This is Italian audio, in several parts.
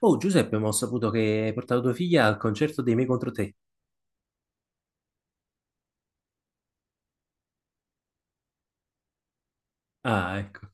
Oh, Giuseppe, ma ho saputo che hai portato tua figlia al concerto dei Me contro te. Ah, ecco.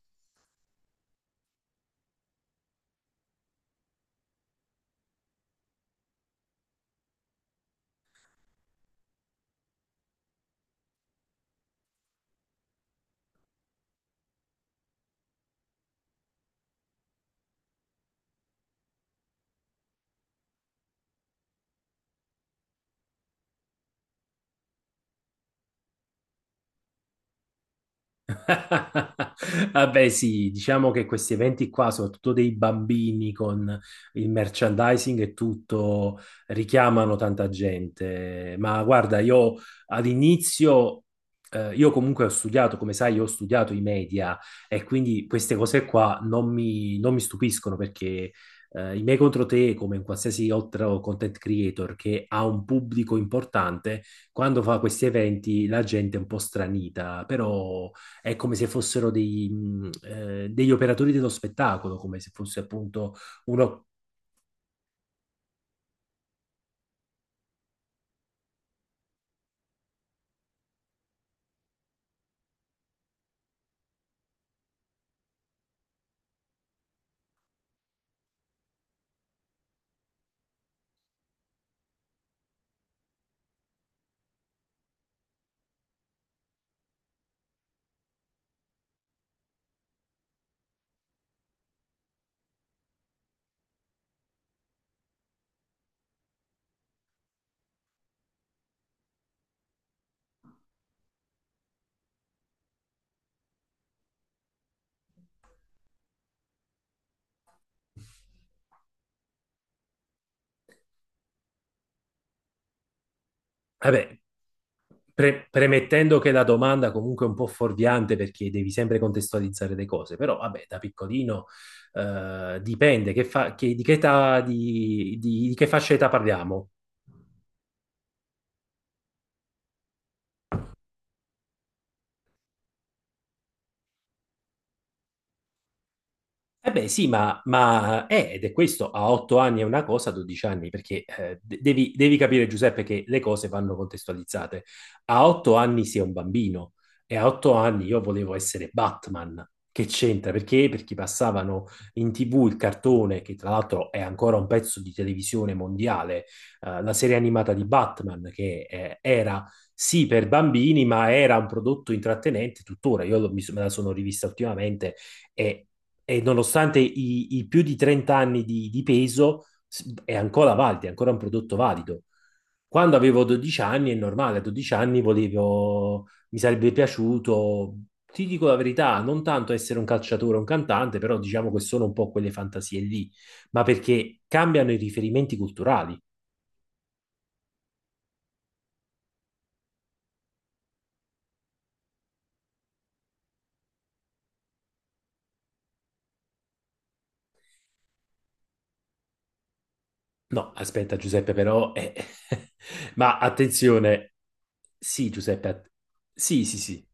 Vabbè, sì, diciamo che questi eventi qua, soprattutto dei bambini con il merchandising e tutto, richiamano tanta gente. Ma guarda, io all'inizio, io comunque ho studiato, come sai, io ho studiato i media e quindi queste cose qua non mi stupiscono perché i miei contro te, come in qualsiasi altro content creator che ha un pubblico importante, quando fa questi eventi la gente è un po' stranita, però è come se fossero degli operatori dello spettacolo, come se fosse appunto uno. Vabbè, premettendo che la domanda comunque è un po' fuorviante perché devi sempre contestualizzare le cose, però vabbè, da piccolino dipende di che età, di che fascia età parliamo. Eh beh, sì, ma ed è questo, a 8 anni è una cosa, a 12 anni, perché devi capire, Giuseppe, che le cose vanno contestualizzate. A 8 anni si è un bambino e a 8 anni io volevo essere Batman. Che c'entra? Perché? Perché passavano in TV il cartone, che tra l'altro è ancora un pezzo di televisione mondiale, la serie animata di Batman, che era sì per bambini, ma era un prodotto intrattenente tuttora. Io me la sono rivista ultimamente e e nonostante i più di 30 anni di peso, è ancora valido, è ancora un prodotto valido. Quando avevo 12 anni, è normale, a 12 anni volevo, mi sarebbe piaciuto, ti dico la verità, non tanto essere un calciatore o un cantante, però diciamo che sono un po' quelle fantasie lì, ma perché cambiano i riferimenti culturali. No, aspetta, Giuseppe, però. Ma attenzione, sì, Giuseppe, sì, sì, sì.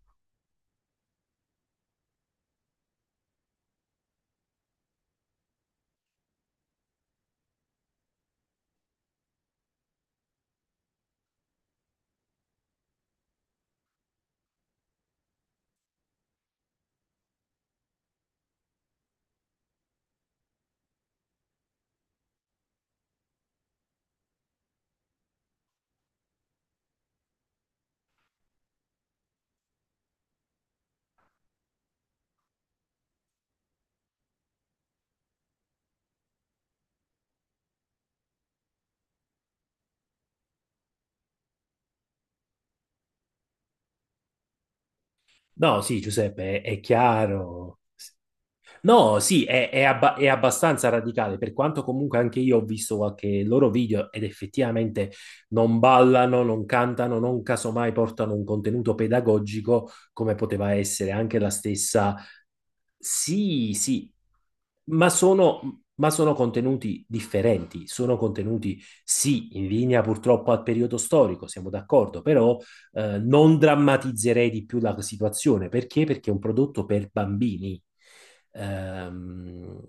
No, sì, Giuseppe, è chiaro. No, sì, è abbastanza radicale, per quanto comunque anche io ho visto qualche loro video ed effettivamente non ballano, non cantano, non casomai portano un contenuto pedagogico come poteva essere anche la stessa. Sì, sì, ma sono contenuti differenti, sono contenuti, sì, in linea purtroppo al periodo storico, siamo d'accordo, però non drammatizzerei di più la situazione. Perché? Perché è un prodotto per bambini. Ehm,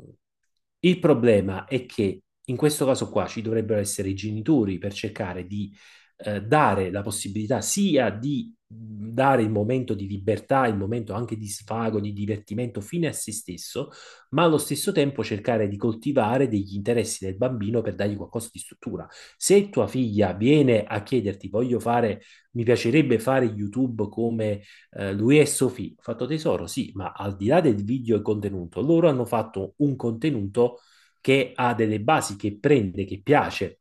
il problema è che in questo caso qua ci dovrebbero essere i genitori per cercare di dare la possibilità sia di dare il momento di libertà, il momento anche di sfago, di divertimento fine a se stesso, ma allo stesso tempo cercare di coltivare degli interessi del bambino per dargli qualcosa di struttura. Se tua figlia viene a chiederti, voglio fare, mi piacerebbe fare YouTube come lui e Sofì, ho fatto tesoro, sì, ma al di là del video e contenuto, loro hanno fatto un contenuto che ha delle basi, che prende, che piace.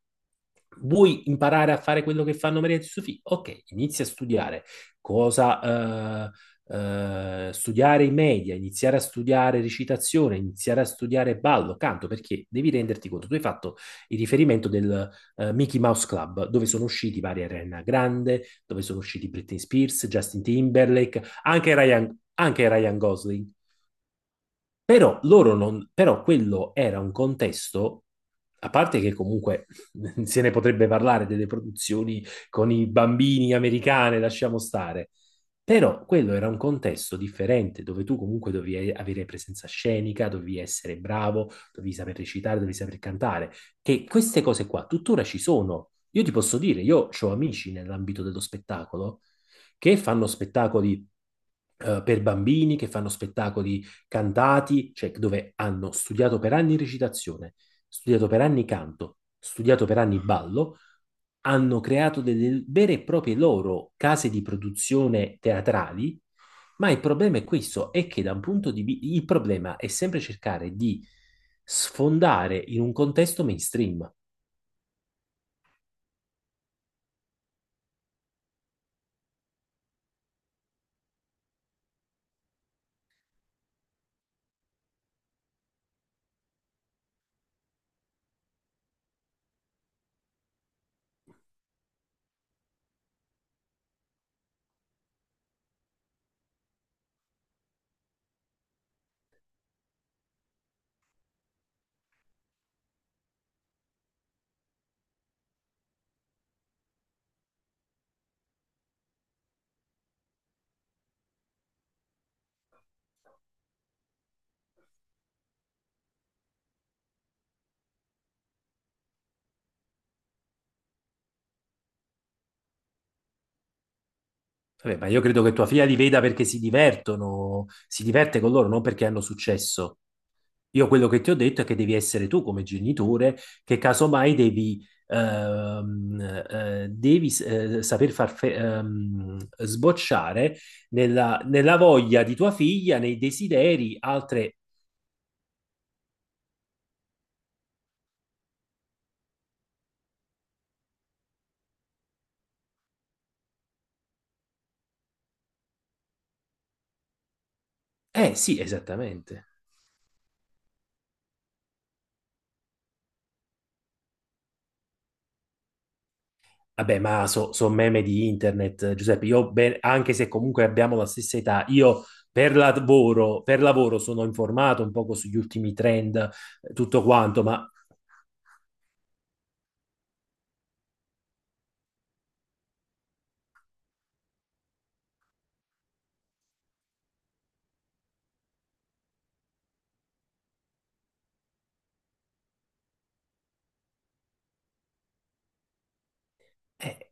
Vuoi imparare a fare quello che fanno Maria di Sofì? Ok, inizia a studiare cosa, studiare i media, iniziare a studiare recitazione, iniziare a studiare ballo, canto, perché devi renderti conto. Tu hai fatto il riferimento del Mickey Mouse Club, dove sono usciti vari Ariana Grande, dove sono usciti Britney Spears, Justin Timberlake, anche Ryan Gosling. Però loro non, però quello era un contesto, a parte che comunque se ne potrebbe parlare delle produzioni con i bambini americane, lasciamo stare. Però quello era un contesto differente, dove tu comunque dovevi avere presenza scenica, dovevi essere bravo, dovevi saper recitare, dovevi saper cantare, che queste cose qua tuttora ci sono. Io ti posso dire, io ho amici nell'ambito dello spettacolo che fanno spettacoli per bambini, che fanno spettacoli cantati, cioè dove hanno studiato per anni recitazione, studiato per anni canto, studiato per anni ballo, hanno creato delle vere e proprie loro case di produzione teatrali, ma il problema è questo, è che da un punto di vista, il problema è sempre cercare di sfondare in un contesto mainstream. Vabbè, ma io credo che tua figlia li veda perché si divertono, si diverte con loro, non perché hanno successo. Io quello che ti ho detto è che devi essere tu come genitore, che casomai ehm, devi saper sbocciare nella voglia di tua figlia, nei desideri, altre. Eh sì, esattamente. Vabbè, ma sono meme di internet, Giuseppe. Io, anche se comunque abbiamo la stessa età, io per lavoro sono informato un poco sugli ultimi trend, tutto quanto, ma. eh,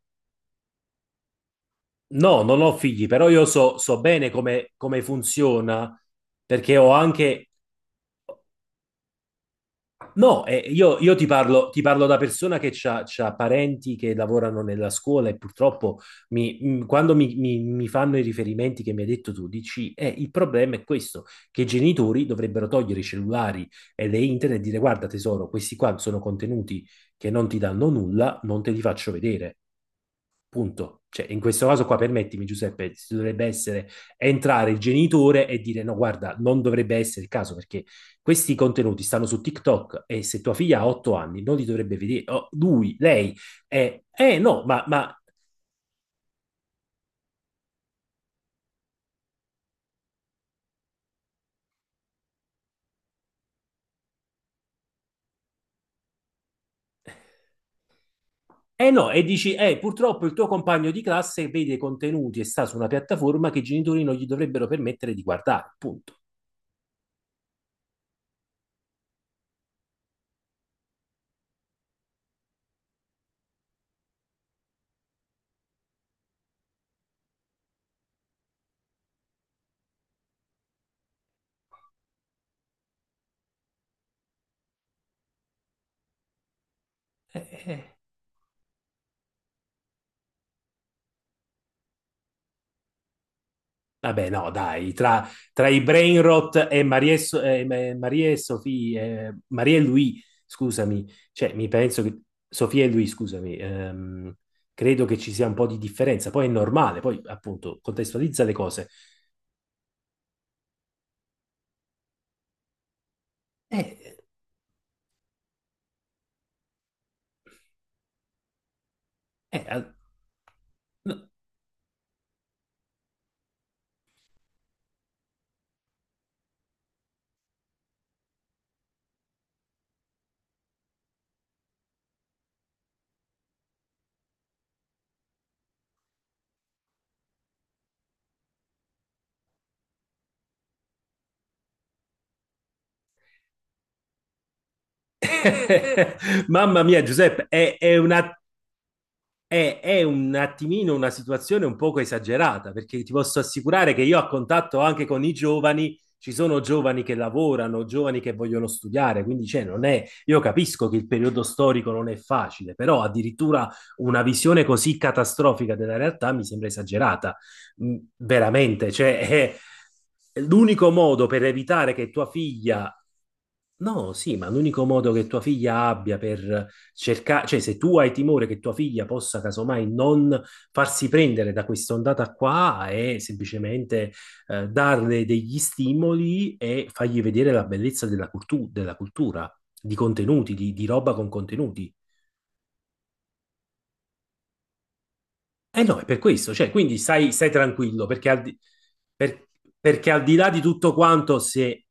No, non ho figli, però io so bene come funziona, perché ho anche. No, io ti parlo, da persona che ha parenti che lavorano nella scuola e purtroppo quando mi fanno i riferimenti che mi hai detto tu, dici, il problema è questo, che i genitori dovrebbero togliere i cellulari e le internet e dire, guarda tesoro, questi qua sono contenuti che non ti danno nulla, non te li faccio vedere. Punto. Cioè, in questo caso qua, permettimi Giuseppe, si dovrebbe essere entrare il genitore e dire no, guarda, non dovrebbe essere il caso perché questi contenuti stanno su TikTok e se tua figlia ha 8 anni non li dovrebbe vedere, oh, lui, lei, eh no, ma eh no, e dici, purtroppo il tuo compagno di classe vede contenuti e sta su una piattaforma che i genitori non gli dovrebbero permettere di guardare, punto. Eh, Vabbè, no, dai, tra i brain rot e Marie e Sofia, Marie e lui, scusami, cioè mi penso che Sofia e lui, scusami, credo che ci sia un po' di differenza. Poi è normale, poi appunto contestualizza le cose. Eh, eh, eh, no. Mamma mia, Giuseppe, è un attimino una situazione un poco esagerata, perché ti posso assicurare che io a contatto anche con i giovani, ci sono giovani che lavorano, giovani che vogliono studiare, quindi cioè, non è, io capisco che il periodo storico non è facile, però addirittura una visione così catastrofica della realtà mi sembra esagerata, veramente, cioè, è l'unico modo per evitare che tua figlia. No, sì, ma l'unico modo che tua figlia abbia per cercare, cioè se tu hai timore che tua figlia possa casomai non farsi prendere da questa ondata qua, è semplicemente darle degli stimoli e fargli vedere la bellezza della cultura, di contenuti, di roba con contenuti. Eh no, è per questo, cioè, quindi stai tranquillo, perché per- al di là di tutto quanto, se.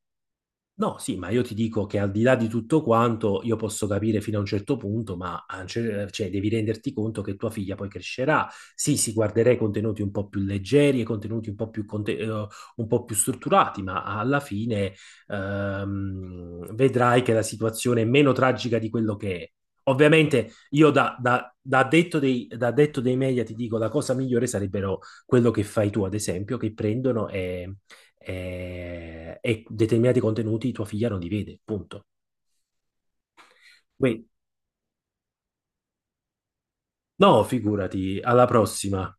No, sì, ma io ti dico che al di là di tutto quanto io posso capire fino a un certo punto, ma a un cioè, devi renderti conto che tua figlia poi crescerà. Sì, si guarderei contenuti un po' più leggeri e contenuti un po' più, un po' più strutturati, ma alla fine vedrai che la situazione è meno tragica di quello che è. Ovviamente io da addetto dei media ti dico la cosa migliore sarebbero quello che fai tu, ad esempio, che prendono e determinati contenuti tua figlia non li vede, punto. Wait, no, figurati, alla prossima.